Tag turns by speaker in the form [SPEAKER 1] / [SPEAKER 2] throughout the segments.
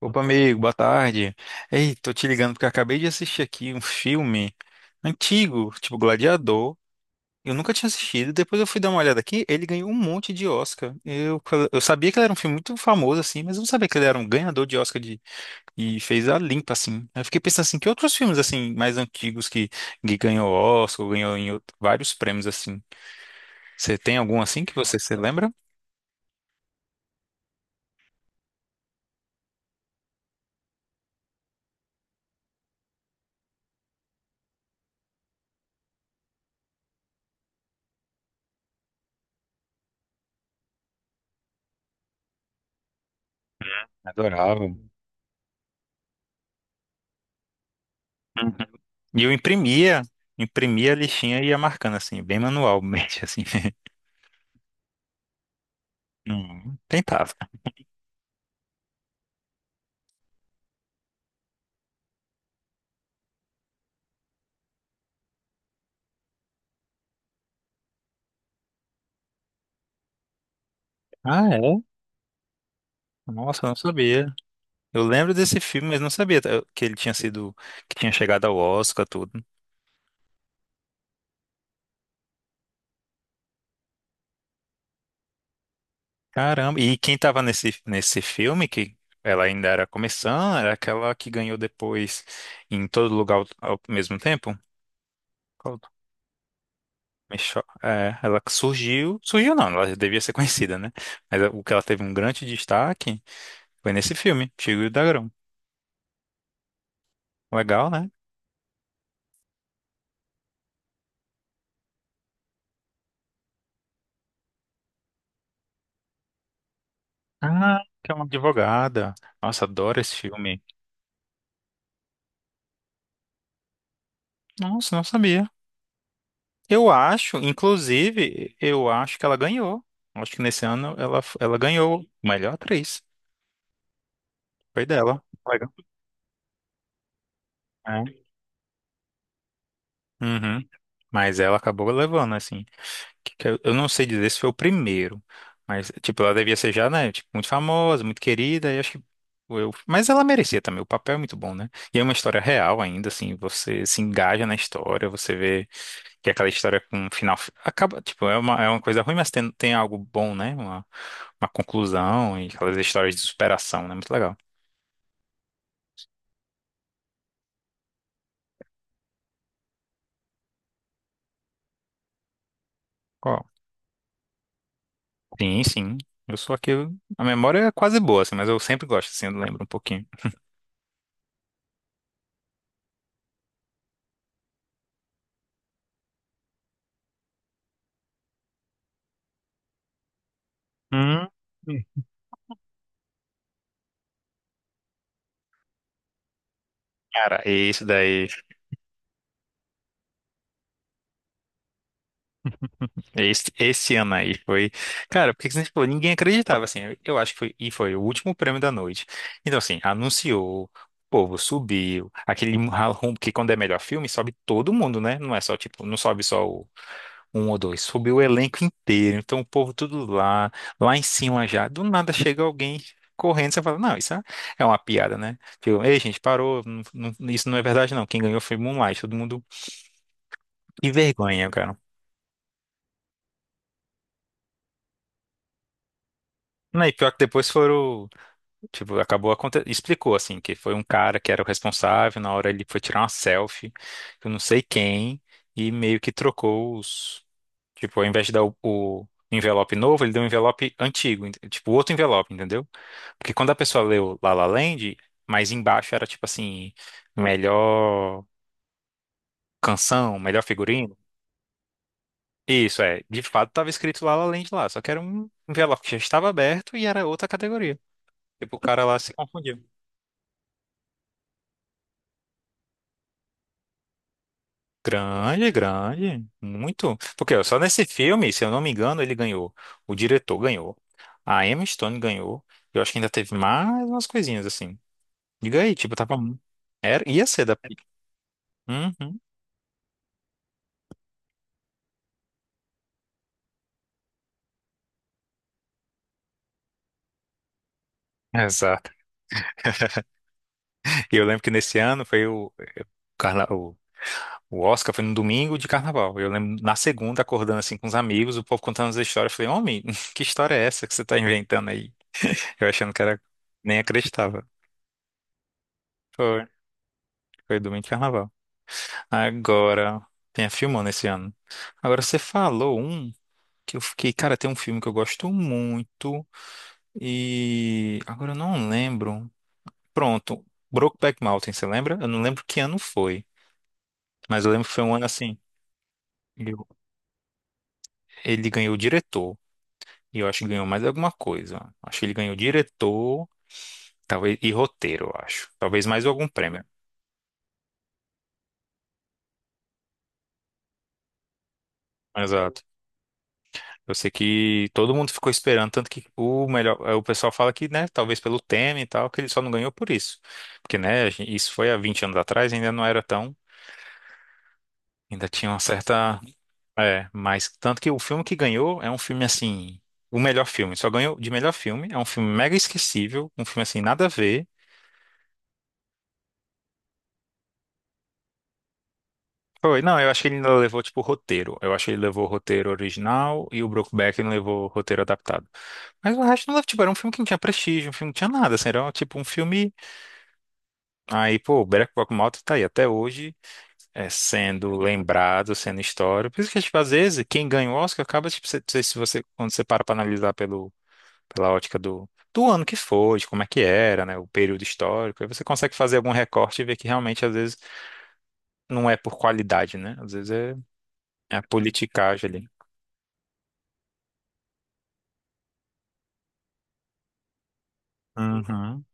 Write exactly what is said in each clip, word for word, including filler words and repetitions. [SPEAKER 1] Opa, amigo, boa tarde. Ei, tô te ligando porque eu acabei de assistir aqui um filme antigo, tipo Gladiador. Eu nunca tinha assistido, depois eu fui dar uma olhada aqui, ele ganhou um monte de Oscar. Eu, eu sabia que ele era um filme muito famoso, assim, mas eu não sabia que ele era um ganhador de Oscar de, e fez a limpa, assim. Eu fiquei pensando assim, que outros filmes, assim, mais antigos que, que ganhou Oscar, ou ganhou em outro- vários prêmios, assim. Você tem algum assim que você se lembra? Adorava. Uhum. E eu imprimia, imprimia a listinha e ia marcando assim, bem manualmente, assim. Não tentava. Ah, é? Nossa, eu não sabia. Eu lembro desse filme, mas não sabia tá, que ele tinha sido, que tinha chegado ao Oscar, tudo. Caramba, e quem tava nesse, nesse filme, que ela ainda era começando, era aquela que ganhou depois em todo lugar ao, ao mesmo tempo? Qual- Michelle- É, ela que surgiu, surgiu não, ela já devia ser conhecida, né? Mas o que ela teve um grande destaque foi nesse filme, Chico e o Dragão. Legal, né? Ah, que é uma advogada. Nossa, adoro esse filme. Nossa, não sabia. Eu acho, inclusive, eu acho que ela ganhou. Acho que nesse ano ela, ela ganhou melhor atriz. Foi dela. Legal. É. Uhum. Mas ela acabou levando, assim. Que- que Eu eu não sei dizer se foi o primeiro. Mas, tipo, ela devia ser já, né? Tipo, muito famosa, muito querida. E acho que eu... Mas ela merecia também. O papel é muito bom, né? E é uma história real ainda, assim. Você se engaja na história, você vê. Que é aquela história com um final. Acaba, tipo, é uma, é uma coisa ruim, mas tem, tem algo bom, né? Uma, uma conclusão e aquelas histórias de superação, né? Muito legal. Qual? Sim, sim. Eu sou aquele. A memória é quase boa, assim, mas eu sempre gosto, assim, eu lembro um pouquinho. Hum. Cara, esse daí, esse, esse ano aí foi. Cara, porque que você falou? Ninguém acreditava, assim. Eu acho que foi, e foi o último prêmio da noite. Então, assim, anunciou, o povo subiu. Aquele ralrum, que quando é melhor filme, sobe todo mundo, né? Não é só, tipo, não sobe só o um ou dois. Subiu o elenco inteiro. Então o povo tudo lá, lá em cima já. Do nada chega alguém correndo. Você fala, não, isso é é uma piada, né? Tipo, ei, gente, parou. não- não- isso não é verdade, não. Quem ganhou foi Moonlight. Todo mundo. Que vergonha, cara. Não, e pior que depois foram. Tipo, acabou aconte... explicou assim que foi um cara que era o responsável, na hora ele foi tirar uma selfie, eu não sei quem, e meio que trocou os, tipo, ao invés de dar o, o envelope novo, ele deu um envelope antigo, ent- tipo, outro envelope, entendeu? Porque quando a pessoa leu La La Land, mais embaixo era tipo assim, melhor canção, melhor figurino. Isso é, de fato tava escrito La La Land lá, só que era um envelope que já estava aberto e era outra categoria. Tipo, o cara lá se confundiu. Grande, grande, muito. Porque ó, só nesse filme, se eu não me engano, ele ganhou. O diretor ganhou. A Emma Stone ganhou. Eu acho que ainda teve mais umas coisinhas assim. Diga aí, tipo, tava. mu- Era, ia ser da. Uhum, exato. E eu lembro que nesse ano foi o, carna... o, o Oscar foi no domingo de carnaval. Eu lembro na segunda acordando assim com os amigos, o povo contando as histórias. Eu falei, homem, que história é essa que você tá inventando aí? Eu achando que era. Nem acreditava. Foi. Foi domingo de carnaval. Agora, tem filmando esse ano. Agora, você falou um que eu fiquei, cara, tem um filme que eu gosto muito e agora eu não lembro. Pronto, Brokeback Mountain, você lembra? Eu não lembro que ano foi, mas eu lembro que foi um ano assim. eu- Ele ganhou o diretor e eu acho que ganhou mais alguma coisa. Acho que ele ganhou diretor, talvez e roteiro, eu acho. Talvez mais algum prêmio. Exato. Eu sei que todo mundo ficou esperando, tanto que o melhor, eh, o pessoal fala que, né, talvez pelo Temer e tal, que ele só não ganhou por isso. Porque, né, a gen- isso foi há vinte anos atrás, ainda não era tão, ainda tinha uma certa, é, mas tanto que o filme que ganhou é um filme assim, o melhor filme, só ganhou de melhor filme, é um filme mega esquecível, um filme assim nada a ver. Foi, não, eu acho que ele ainda levou tipo roteiro. Eu acho que ele levou o roteiro original e o Brokeback não levou o roteiro adaptado. Mas o resto não levou, tipo, era um filme que não tinha prestígio, um filme que não tinha nada, assim, era tipo um filme. Aí, pô, Better Call Malta tá aí até hoje, é, sendo lembrado, sendo história. Por isso que, tipo, às vezes, quem ganha o Oscar acaba, tipo, se- se- se você, quando você para pra analisar pelo, pela ótica do, do ano que foi, de como é que era, né, o período histórico, aí você consegue fazer algum recorte e ver que realmente, às vezes, não é por qualidade, né? Às vezes é, é a politicagem ali. Uhum.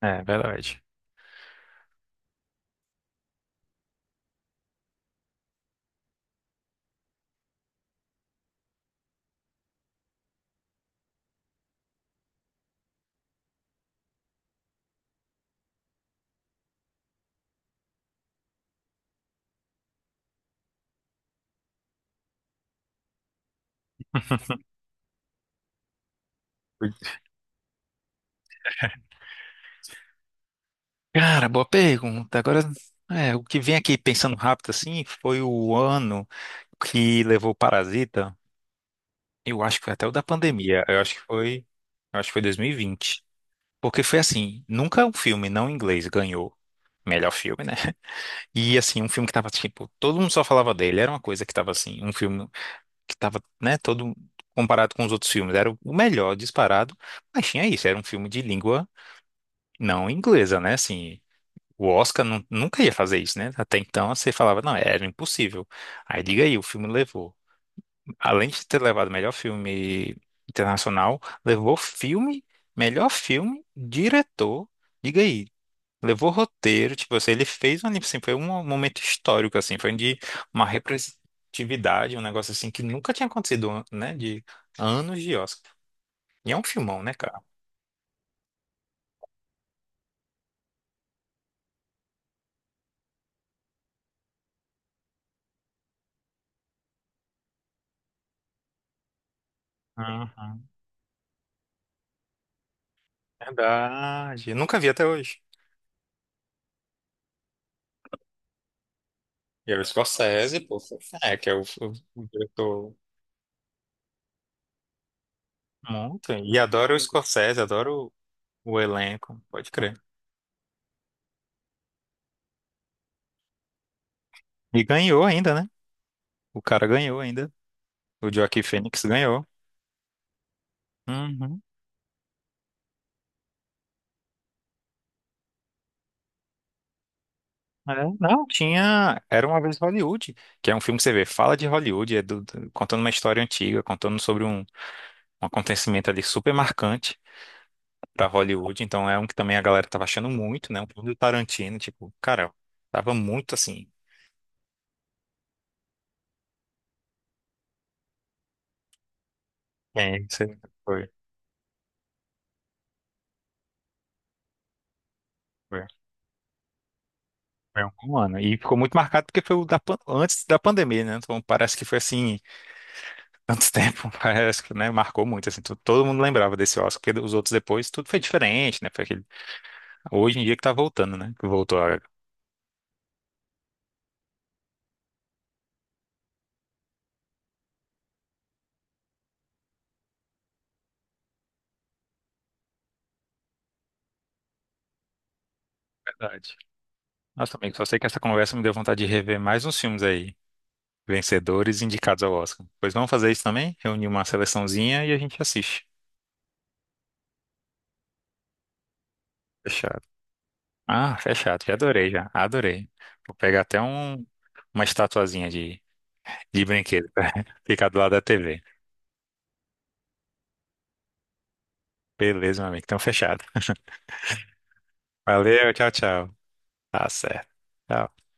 [SPEAKER 1] É, verdade. Cara, boa pergunta. Agora, é, o que vem aqui pensando rápido assim foi o ano que levou o Parasita. Eu acho que foi até o da pandemia. Eu acho que foi, eu acho que foi dois mil e vinte. Porque foi assim, nunca um filme não inglês ganhou melhor filme, né? E assim, um filme que tava tipo, todo mundo só falava dele, era uma coisa que tava assim, um filme que tava, né, todo comparado com os outros filmes, era o melhor disparado, mas tinha isso, era um filme de língua não inglesa, né? Assim, o Oscar nu- nunca ia fazer isso, né? Até então você falava, não, era impossível. Aí liga aí, o filme levou. Além de ter levado melhor filme internacional, levou filme, melhor filme, diretor, liga aí. Levou roteiro, tipo assim, ele fez um, anime, assim, foi um momento histórico, assim, foi de uma representatividade, um negócio assim que nunca tinha acontecido, né? De anos de Oscar. E é um filmão, né, cara? Aham, verdade. Eu nunca vi até hoje. E é o Scorsese, pô, é, que é o, o- o diretor muito. E adoro o Scorsese, adoro o, o elenco, pode crer. E ganhou ainda, né? O cara ganhou ainda. O Joaquin Phoenix ganhou. Uhum. É, não, tinha. Era uma vez em Hollywood, que é um filme que você vê, fala de Hollywood, é do- do- contando uma história antiga, contando sobre um, um acontecimento ali super marcante pra Hollywood. Então é um que também a galera tava achando muito, né? Um filme do Tarantino, tipo, cara, tava muito assim. É, isso aí foi. Foi. Foi um ano. E ficou muito marcado porque foi o da, pan- antes da pandemia, né? Então parece que foi assim, tanto tempo, parece que, né? Marcou muito, assim, to- todo mundo lembrava desse Oscar, porque os outros depois tudo foi diferente, né? Foi aquele... Hoje em dia que tá voltando, né? Que voltou a... Verdade. Nossa, amigo, só sei que essa conversa me deu vontade de rever mais uns filmes aí, vencedores e indicados ao Oscar. Pois vamos fazer isso também? Reunir uma seleçãozinha e a gente assiste. Fechado. Ah, fechado, já adorei, já. Adorei. Vou pegar até um... uma estatuazinha de De brinquedo. ficar do lado da T V. Beleza, meu amigo. Então, fechado. Valeu, tchau, tchau. Tá certo. Tchau.